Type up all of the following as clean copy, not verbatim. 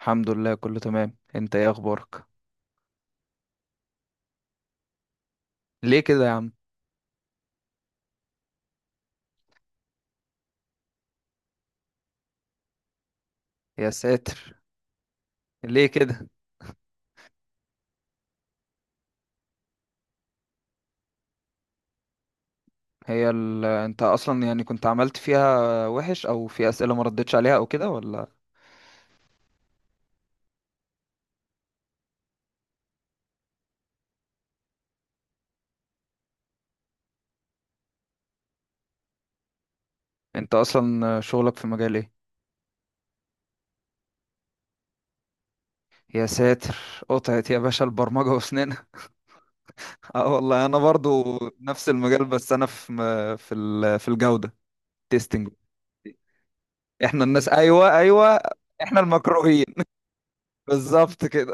الحمد لله، كله تمام. انت ايه اخبارك؟ ليه كده يا عم؟ يا ساتر. ليه كده؟ انت اصلا يعني كنت عملت فيها وحش او في اسئله ما ردتش عليها او كده ولا انت اصلا شغلك في مجال ايه؟ يا ساتر، قطعت يا باشا البرمجه واسنانها. اه والله انا برضو نفس المجال، بس انا في في الجوده، تيستنج. احنا الناس، ايوه ايوه، احنا المكروهين. بالظبط كده.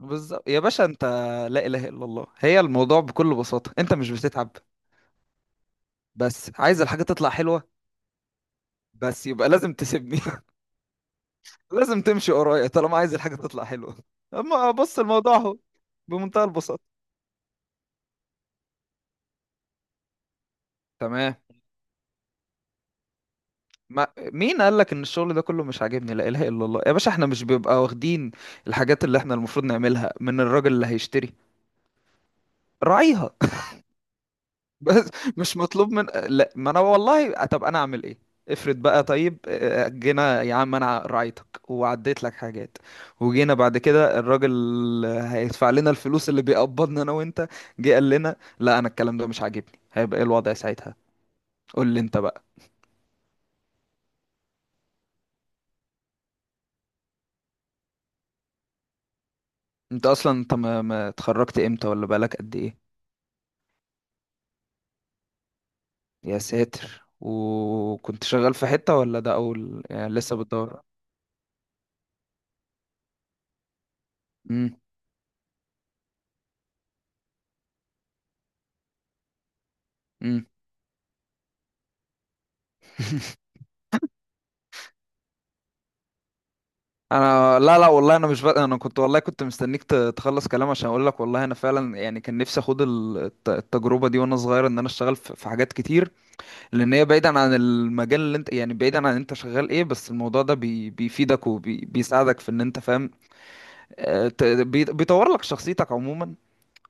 بالظبط يا باشا. انت، لا اله الا الله، هي الموضوع بكل بساطه: انت مش بتتعب، بس عايز الحاجة تطلع حلوة، بس يبقى لازم تسيبني. لازم تمشي ورايا طالما عايز الحاجة تطلع حلوة. اما بص الموضوع اهو، بمنتهى البساطة. تمام. ما مين قال لك ان الشغل ده كله مش عاجبني؟ لا اله الا الله يا باشا، احنا مش بيبقى واخدين الحاجات اللي احنا المفروض نعملها من الراجل اللي هيشتري؟ راعيها. بس مش مطلوب من، لا ما انا والله، طب انا اعمل ايه؟ افرض بقى، طيب جينا يا عم انا راعيتك وعديت لك حاجات، وجينا بعد كده الراجل هيدفع لنا الفلوس اللي بيقبضنا انا وانت، جه قال لنا لا انا الكلام ده مش عاجبني، هيبقى ايه الوضع ساعتها؟ قول لي انت بقى. انت اصلا انت ما اتخرجت امتى؟ ولا بقالك قد ايه؟ يا ساتر. وكنت شغال في حتة ولا ده اول، يعني لسه بتدور؟ امم. امم. انا، لا لا والله، انا مش بق... انا كنت والله كنت مستنيك تخلص كلام عشان اقول لك والله انا فعلا يعني كان نفسي اخد التجربه دي وانا صغير، ان انا اشتغل في في حاجات كتير. لان هي، بعيدا عن المجال اللي انت يعني بعيدا عن انت شغال ايه، بس الموضوع ده بيفيدك وبيساعدك في ان انت فاهم. بيطور لك شخصيتك عموما،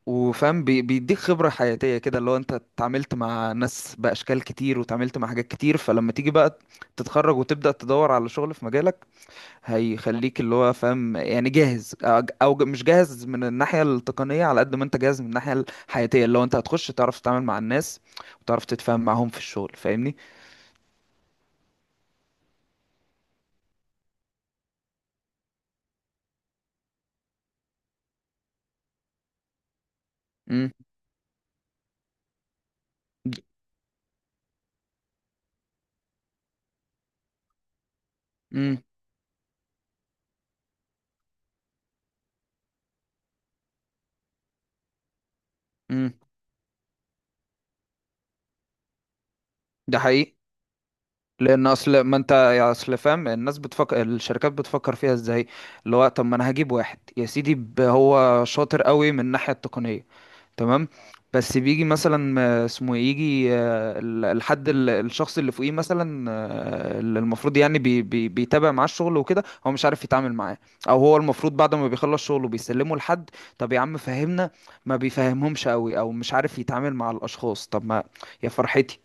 وفاهم، بيديك خبره حياتيه كده، اللي هو انت اتعاملت مع ناس باشكال كتير وتعاملت مع حاجات كتير. فلما تيجي بقى تتخرج وتبدا تدور على شغل في مجالك، هيخليك اللي هو فاهم يعني جاهز او أو مش جاهز من الناحيه التقنيه على قد ما انت جاهز من الناحيه الحياتيه، اللي هو انت هتخش تعرف تتعامل مع الناس وتعرف تتفاهم معاهم في الشغل، فاهمني. امم. امم امم. ده حقيقي، لان اصل ما انت يا اصل فاهم الناس بتفكر، الشركات بتفكر فيها ازاي؟ اللي هو طب ما انا هجيب واحد يا سيدي، هو شاطر قوي من الناحيه التقنيه، تمام، بس بيجي مثلا آه، اسمه إيه، يجي الحد، الشخص اللي فوقيه مثلا، اللي المفروض يعني بي بي بيتابع معاه الشغل وكده، هو مش عارف يتعامل معاه، او هو المفروض بعد ما بيخلص شغله بيسلمه لحد، طب يا عم فهمنا، ما بيفهمهمش قوي او مش عارف يتعامل مع الاشخاص، طب ما يا فرحتي.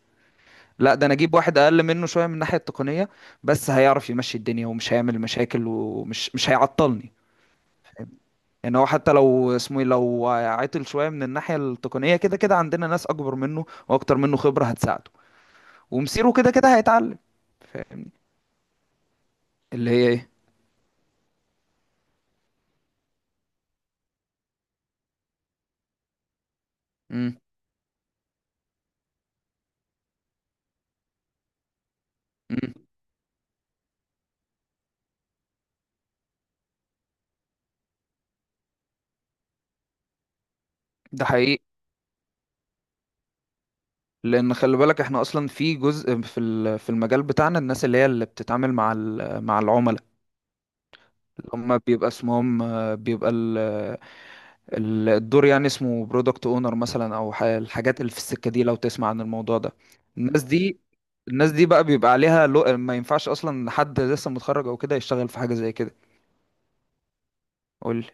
لا ده انا اجيب واحد اقل منه شويه من الناحيه التقنيه، بس هيعرف يمشي الدنيا ومش هيعمل مشاكل مش هيعطلني. يعني هو حتى لو اسمه ايه، لو عطل شويه من الناحيه التقنيه، كده كده عندنا ناس اكبر منه واكتر منه خبره هتساعده، ومسيره كده كده هيتعلم. ف- اللي هي ايه؟ امم. امم. ده حقيقي. لان خلي بالك احنا اصلا في جزء في في المجال بتاعنا، الناس اللي هي اللي بتتعامل مع مع العملاء، اللي هم بيبقى اسمهم بيبقى الدور يعني اسمه برودكت اونر مثلا، او الحاجات اللي في السكه دي، لو تسمع عن الموضوع ده. الناس دي، الناس دي بقى بيبقى عليها، لو... ما ينفعش اصلا حد لسه متخرج او كده يشتغل في حاجه زي كده. قول لي.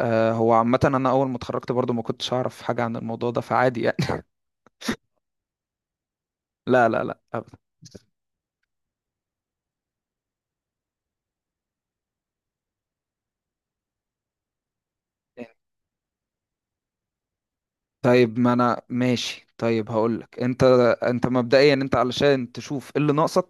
آه، هو عامه انا اول ما اتخرجت برضو ما كنتش اعرف حاجه عن الموضوع ده، فعادي يعني. لا لا لا أبدا. طيب ما انا ماشي، طيب هقولك. انت، انت مبدئيا انت علشان تشوف ايه اللي ناقصك،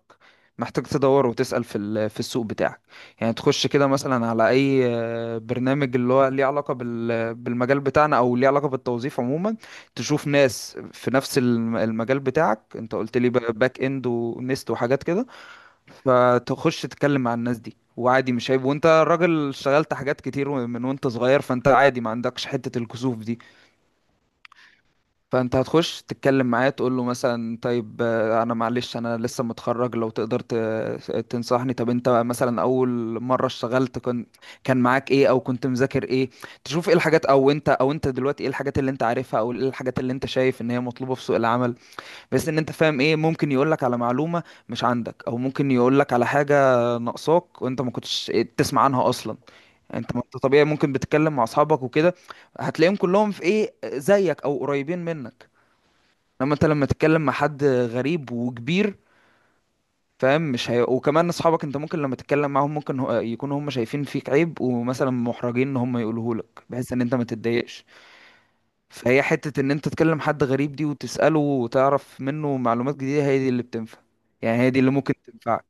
محتاج تدور وتسأل في في السوق بتاعك. يعني تخش كده مثلا على اي برنامج اللي هو ليه علاقة بالمجال بتاعنا او ليه علاقة بالتوظيف عموما. تشوف ناس في نفس المجال بتاعك، انت قلت لي بقى باك اند ونست وحاجات كده. فتخش تتكلم مع الناس دي، وعادي مش عيب، وانت راجل اشتغلت حاجات كتير من وانت صغير، فانت عادي ما عندكش حتة الكسوف دي. فانت هتخش تتكلم معاه تقول له مثلا طيب، انا معلش انا لسه متخرج، لو تقدر تنصحني. طب انت مثلا اول مره اشتغلت كان معاك ايه او كنت مذاكر ايه؟ تشوف ايه الحاجات، او انت، او انت دلوقتي ايه الحاجات اللي انت عارفها، او ايه الحاجات اللي انت شايف ان هي مطلوبه في سوق العمل. بحيث ان انت فاهم ايه ممكن يقول لك على معلومه مش عندك، او ممكن يقول لك على حاجه ناقصاك وانت ما كنتش تسمع عنها اصلا. انت ما انت طبيعي ممكن بتتكلم مع اصحابك وكده، هتلاقيهم كلهم في ايه زيك او قريبين منك. انما انت لما تتكلم مع حد غريب وكبير، فاهم؟ مش هي... وكمان اصحابك انت ممكن لما تتكلم معاهم ممكن يكونوا هم شايفين فيك عيب ومثلا محرجين ان هم يقولوه لك، بحيث ان انت ما تتضايقش. فهي حتة ان انت تكلم حد غريب دي وتسأله وتعرف منه معلومات جديدة، هي دي اللي بتنفع. يعني هي دي اللي ممكن تنفعك.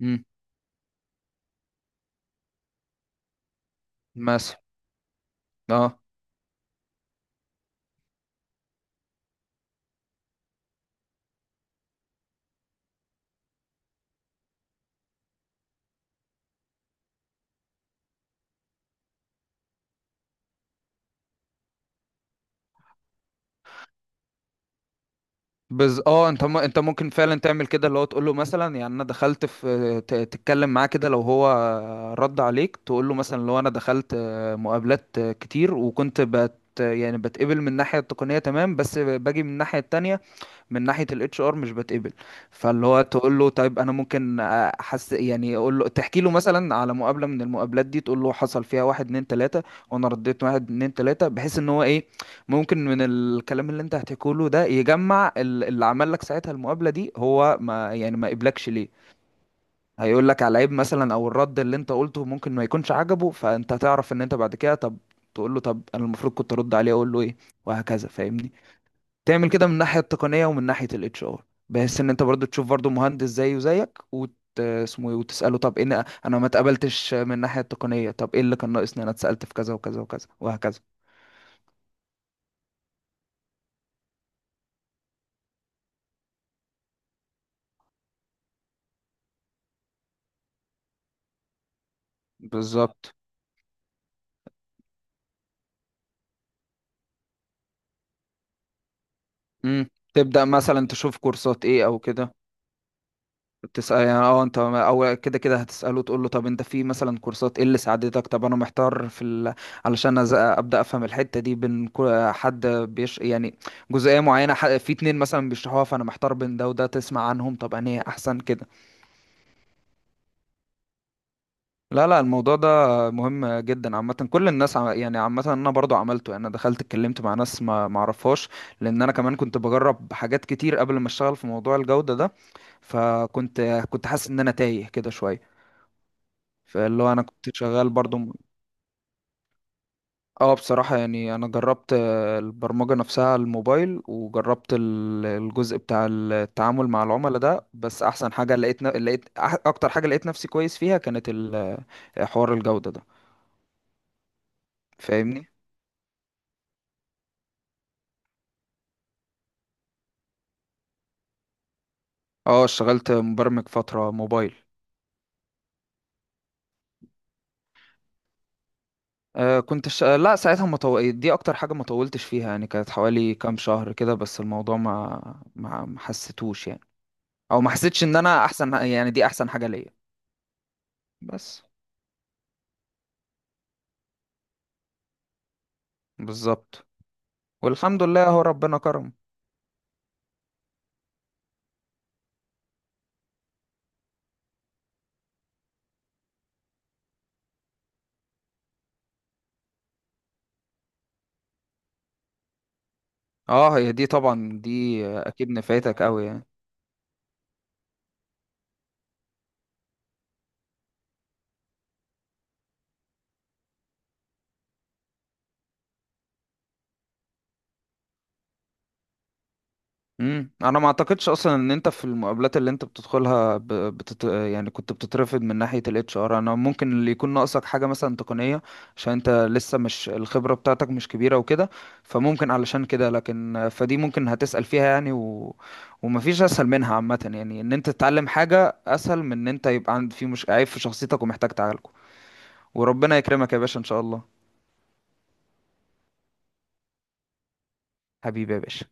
امم. مثلا. اه. بز اه انت انت ممكن فعلا تعمل كده، اللي هو تقول له مثلا يعني انا دخلت في تتكلم معاه كده، لو هو رد عليك تقول له مثلا لو انا دخلت مقابلات كتير وكنت يعني بتقبل من الناحية التقنية تمام بس باجي من الناحية التانية، من ناحيه الاتش ار مش بتقبل، فاللي هو تقول له طيب انا ممكن احس، يعني اقول له، تحكي له مثلا على مقابله من المقابلات دي، تقول له حصل فيها واحد اتنين تلاته، وانا رديت واحد اتنين تلاته، بحيث ان هو ايه، ممكن من الكلام اللي انت هتحكيه له ده يجمع اللي عمل لك ساعتها المقابله دي، هو ما يعني ما قبلكش ليه. هيقول لك على عيب مثلا، او الرد اللي انت قلته ممكن ما يكونش عجبه، فانت هتعرف ان انت بعد كده طب تقول له طب انا المفروض كنت ارد عليه اقول له ايه، وهكذا، فاهمني. تعمل كده من الناحيه التقنيه ومن ناحيه الاتش ار، بحيث ان انت برضو تشوف برضو مهندس زيه زيك وت... اسمه ايه وتساله طب ايه انا ما اتقبلتش من الناحيه التقنيه، طب ايه اللي كان ناقصني، انا اتسالت في كذا وكذا وكذا وهكذا. بالظبط. امم. تبدا مثلا تشوف كورسات ايه او كده. تسأل يعني. اه انت اول كده كده هتسأله تقول له طب انت في مثلا كورسات ايه اللي ساعدتك، طب انا محتار في ال... علشان ابدأ افهم الحتة دي، بين حد بيش يعني جزئية معينة، في اتنين مثلا بيشرحوها فانا محتار بين ده وده، تسمع عنهم طب انا احسن كده. لا لا، الموضوع ده مهم جدا عامة. كل الناس يعني عامة انا برضو عملته، يعني انا دخلت اتكلمت مع ناس ما معرفهاش، لان انا كمان كنت بجرب حاجات كتير قبل ما اشتغل في موضوع الجودة ده. فكنت كنت حاسس ان انا تايه كده شوية. فاللي هو انا كنت شغال برضو م-. اه بصراحة يعني انا جربت البرمجة نفسها على الموبايل، وجربت الجزء بتاع التعامل مع العملاء ده، بس احسن حاجة لقيت ن- لقيت أح- اكتر حاجة لقيت نفسي كويس فيها كانت حوار الجودة ده، فاهمني. اه اشتغلت مبرمج فترة موبايل. آه كنت لا ساعتها ما طو... دي اكتر حاجة ما طولتش فيها، يعني كانت حوالي كام شهر كده، بس الموضوع ما حسيتوش يعني، او ما حسيتش ان انا احسن، يعني دي احسن حاجة ليا. بس. بالظبط. والحمد لله اهو، ربنا كرم. اه هي دي طبعا دي اكيد نفعتك قوي يعني. امم. انا ما اعتقدش اصلا ان انت في المقابلات اللي انت بتدخلها يعني كنت بتترفض من ناحية الاتش ار. انا ممكن اللي يكون ناقصك حاجة مثلا تقنية عشان انت لسه مش الخبرة بتاعتك مش كبيرة وكده، فممكن علشان كده. لكن فدي ممكن هتسأل فيها يعني، و... ومفيش اسهل منها عامة يعني، ان انت تتعلم حاجة اسهل من ان انت يبقى عند في مش عيب في شخصيتك ومحتاج تعالجه. وربنا يكرمك يا باشا ان شاء الله. حبيبي يا باشا.